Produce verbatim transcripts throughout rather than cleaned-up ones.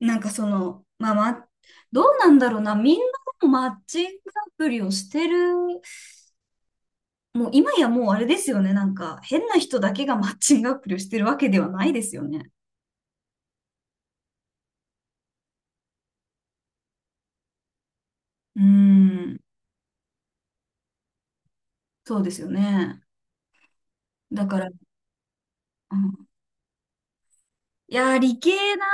なんかその、まあ、ま、どうなんだろうな、みんなでもマッチングアプリをしてる、もう今やもうあれですよね、なんか変な人だけがマッチングアプリをしてるわけではないですよね。うーん、そうですよね。だから、うん、いやー、理系な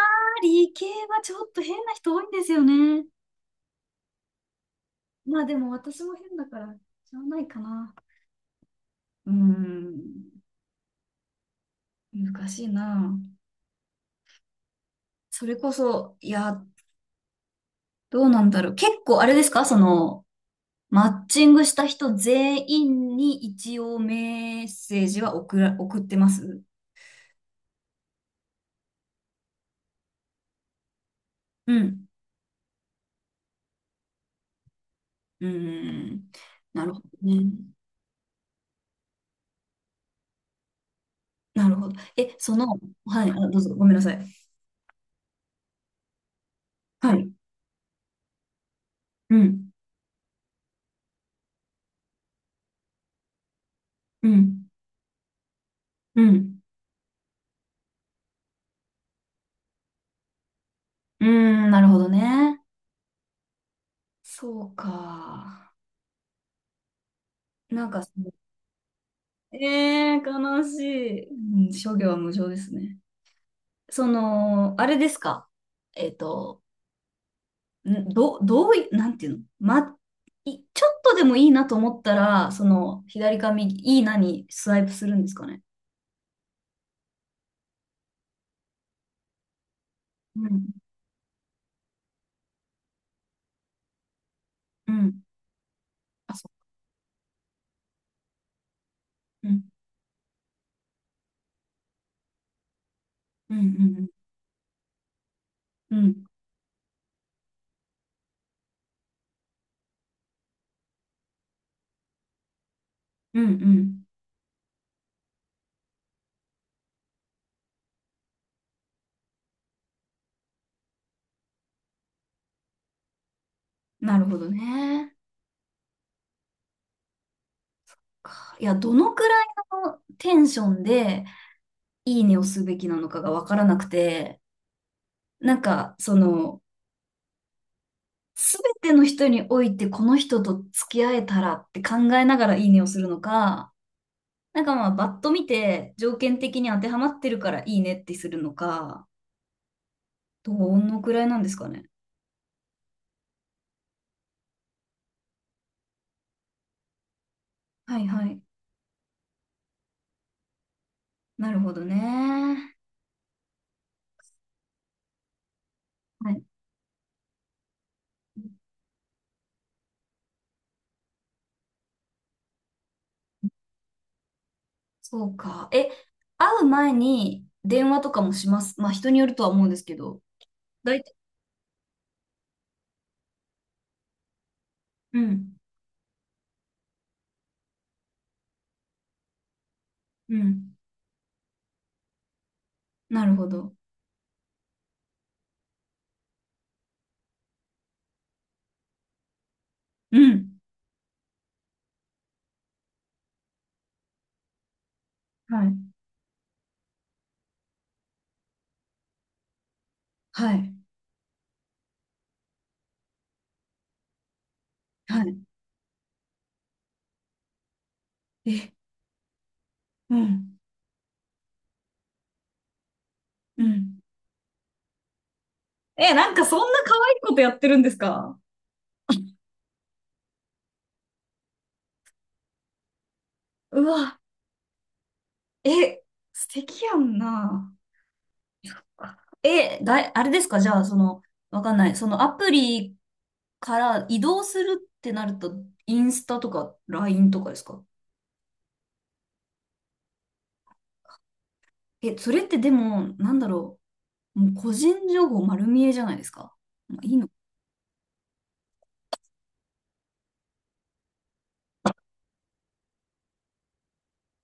ー、理系はちょっと変な人多いんですよね。まあでも私も変だから、しゃあないかな。うーん、難しいな。それこそ、いや、どうなんだろう。結構あれですか、その、マッチングした人全員に一応メッセージは送ら、送ってます。うん。うん。なるほどね。なるほど。え、その、はい、あ、どうぞ、ごめんなさい。はい。うん。うん。うん。うーん、なるほどね。そうか。なんかその、えー、悲しい。うん、諸行は無常ですね。その、あれですか。えっと、んど、どうい、なんていうのま、い、ちょっとでもいいなと思ったら、その、左か右、いいなにスワイプするんですかね。うん、うん、あ、そう、うん、うん、うん、うん、うん、うん、うん、なるほどね。かいや、どのくらいのテンションで、いいねをすべきなのかがわからなくて、なんか、その、すべての人において、この人と付き合えたらって考えながらいいねをするのか、なんかまあ、バッと見て、条件的に当てはまってるからいいねってするのか、どのくらいなんですかね。はいはい。なるほどね。はい。そうか。え、会う前に電話とかもします？まあ、人によるとは思うんですけど。大体、うん。うん。なるほど。うん。はい。はい。はい。え、うん。うん。え、なんかそんな可愛いことやってるんですか？うわ。え、素敵やんな。え、だい、あれですかじゃあ、その、わかんない。そのアプリから移動するってなると、インスタとか ライン とかですか？え、それってでも、なんだろう。もう個人情報丸見えじゃないですか。まあ、いいの。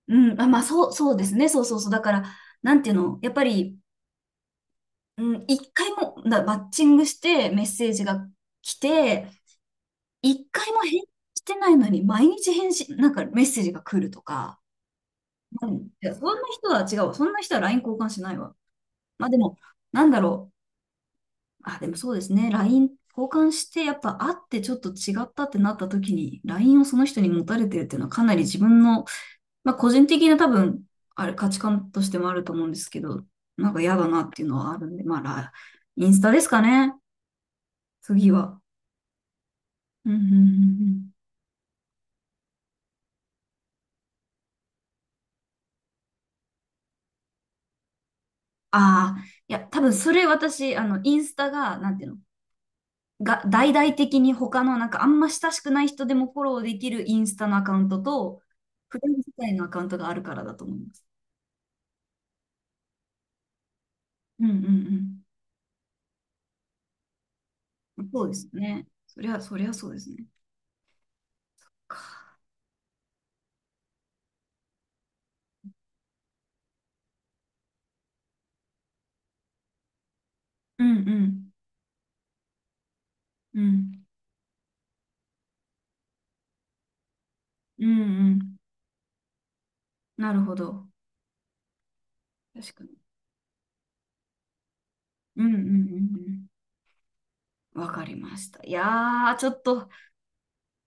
うん、あ、まあ、そう、そうですね。そうそうそう。だから、なんていうの、やっぱり、うん、一回も、なマッチングしてメッセージが来て、一回も返事してないのに、毎日返信、なんかメッセージが来るとか、うん、いやそんな人は違うわ。そんな人は ライン 交換しないわ。まあでも、なんだろう。あ、でもそうですね。ライン 交換して、やっぱ会ってちょっと違ったってなった時に、ライン をその人に持たれてるっていうのはかなり自分の、まあ個人的な多分、あれ価値観としてもあると思うんですけど、なんか嫌だなっていうのはあるんで、まあ、ラインスタですかね。次は。うんうんうんうん。ああ、いや、多分それ私、あの、インスタが、なんていうの、が、大々的に他のなんかあんま親しくない人でもフォローできるインスタのアカウントと、フレンズ界のアカウントがあるからだと思います。うんうんうん。そうですね。そりゃ、そりゃそうですね。うんうんうんうんうん、なるほど。確かに。うんうんうんうん。わかりました。いやー、ちょっと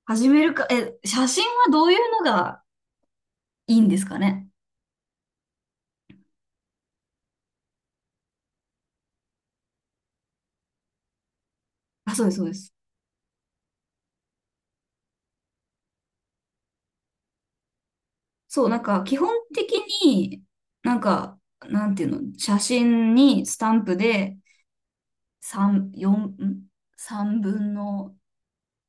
始めるか。え、写真はどういうのがいいんですかね。あ、そうです、そうです。そう、なんか基本的に、なんか、なんていうの、写真にスタンプでさん、よん、さんぶんの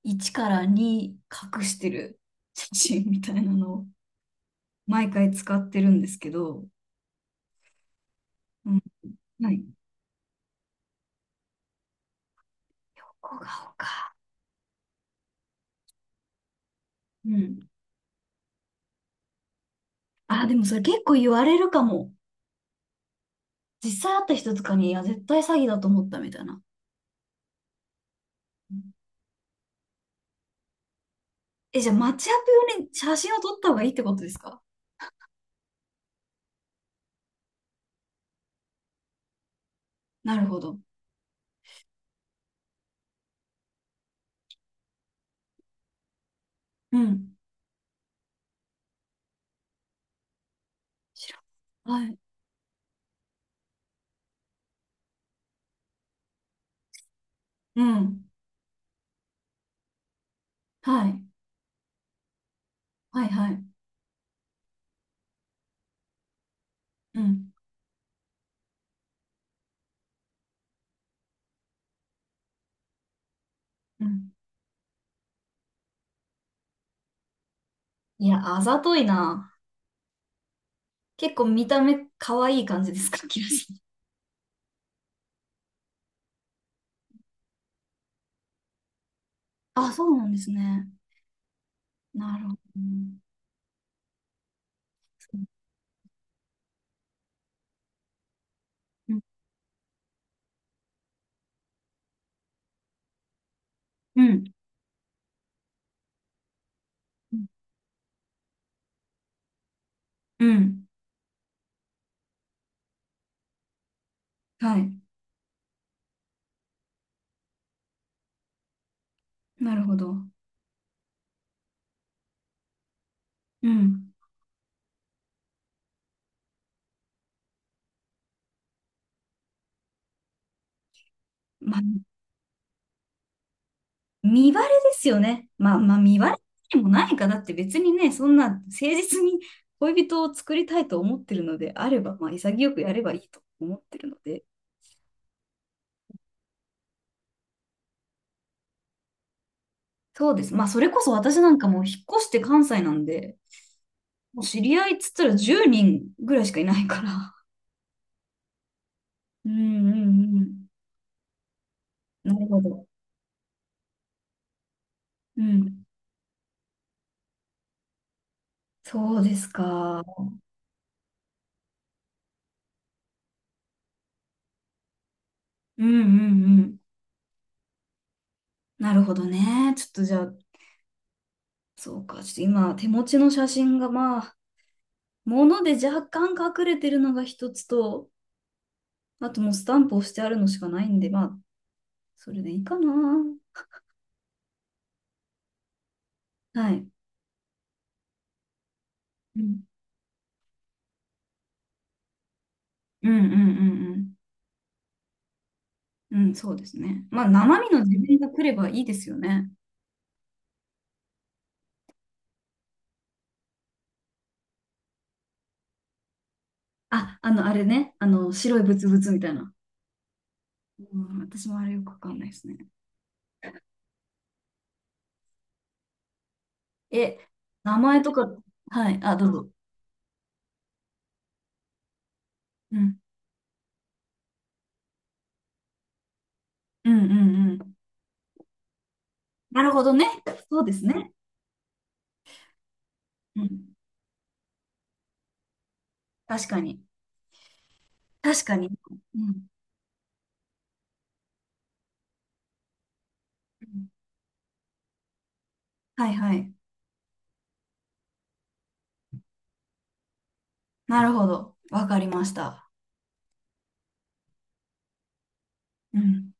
いちからに隠してる写真みたいなのを毎回使ってるんですけど、うん、はい。ここが青か。うん。あ、でもそれ結構言われるかも。実際会った人とかに、いや、絶対詐欺だと思ったみたいな。うん、え、じゃあ、マッチアップ用に写真を撮った方がいいってことですか？なるほど。うん。知らん、はい。うん。はい。はいはい。うん。うん。いや、あざといな。結構見た目可愛い感じですか、キラさん？あ、そうなんですね。なるほど。うん。うん。うん。うん、はい。なるほど。うん。まあ、見バレですよね。まあまあ、見バレでもないか。だって別にね、そんな誠実に恋人を作りたいと思ってるのであれば、まあ潔くやればいいと思ってるので。そうです。まあそれこそ私なんかもう引っ越して関西なんで、もう知り合いっつったらじゅうにんぐらいしかいないから。うんうんうん。なるほど。うん。そうですか。うんうんうん。なるほどね。ちょっとじゃあ、そうか。ちょっと今、手持ちの写真がまあ、物で若干隠れてるのが一つと、あともうスタンプをしてあるのしかないんで、まあ、それでいいかな。はい。うん。うんうんうんうん。うん、そうですね。まあ、生身の自分が来ればいいですよね。あ、あの、あれね。あの、白いブツブツみたいな。うん、私もあれよくわかんないですね。え、名前とか、はい、あ、どうぞ。うん、うん、うん、うん。なるほどね。そうですね。うん。確かに。確かに。うん。うん、はい、はい。なるほど。わかりました。うん。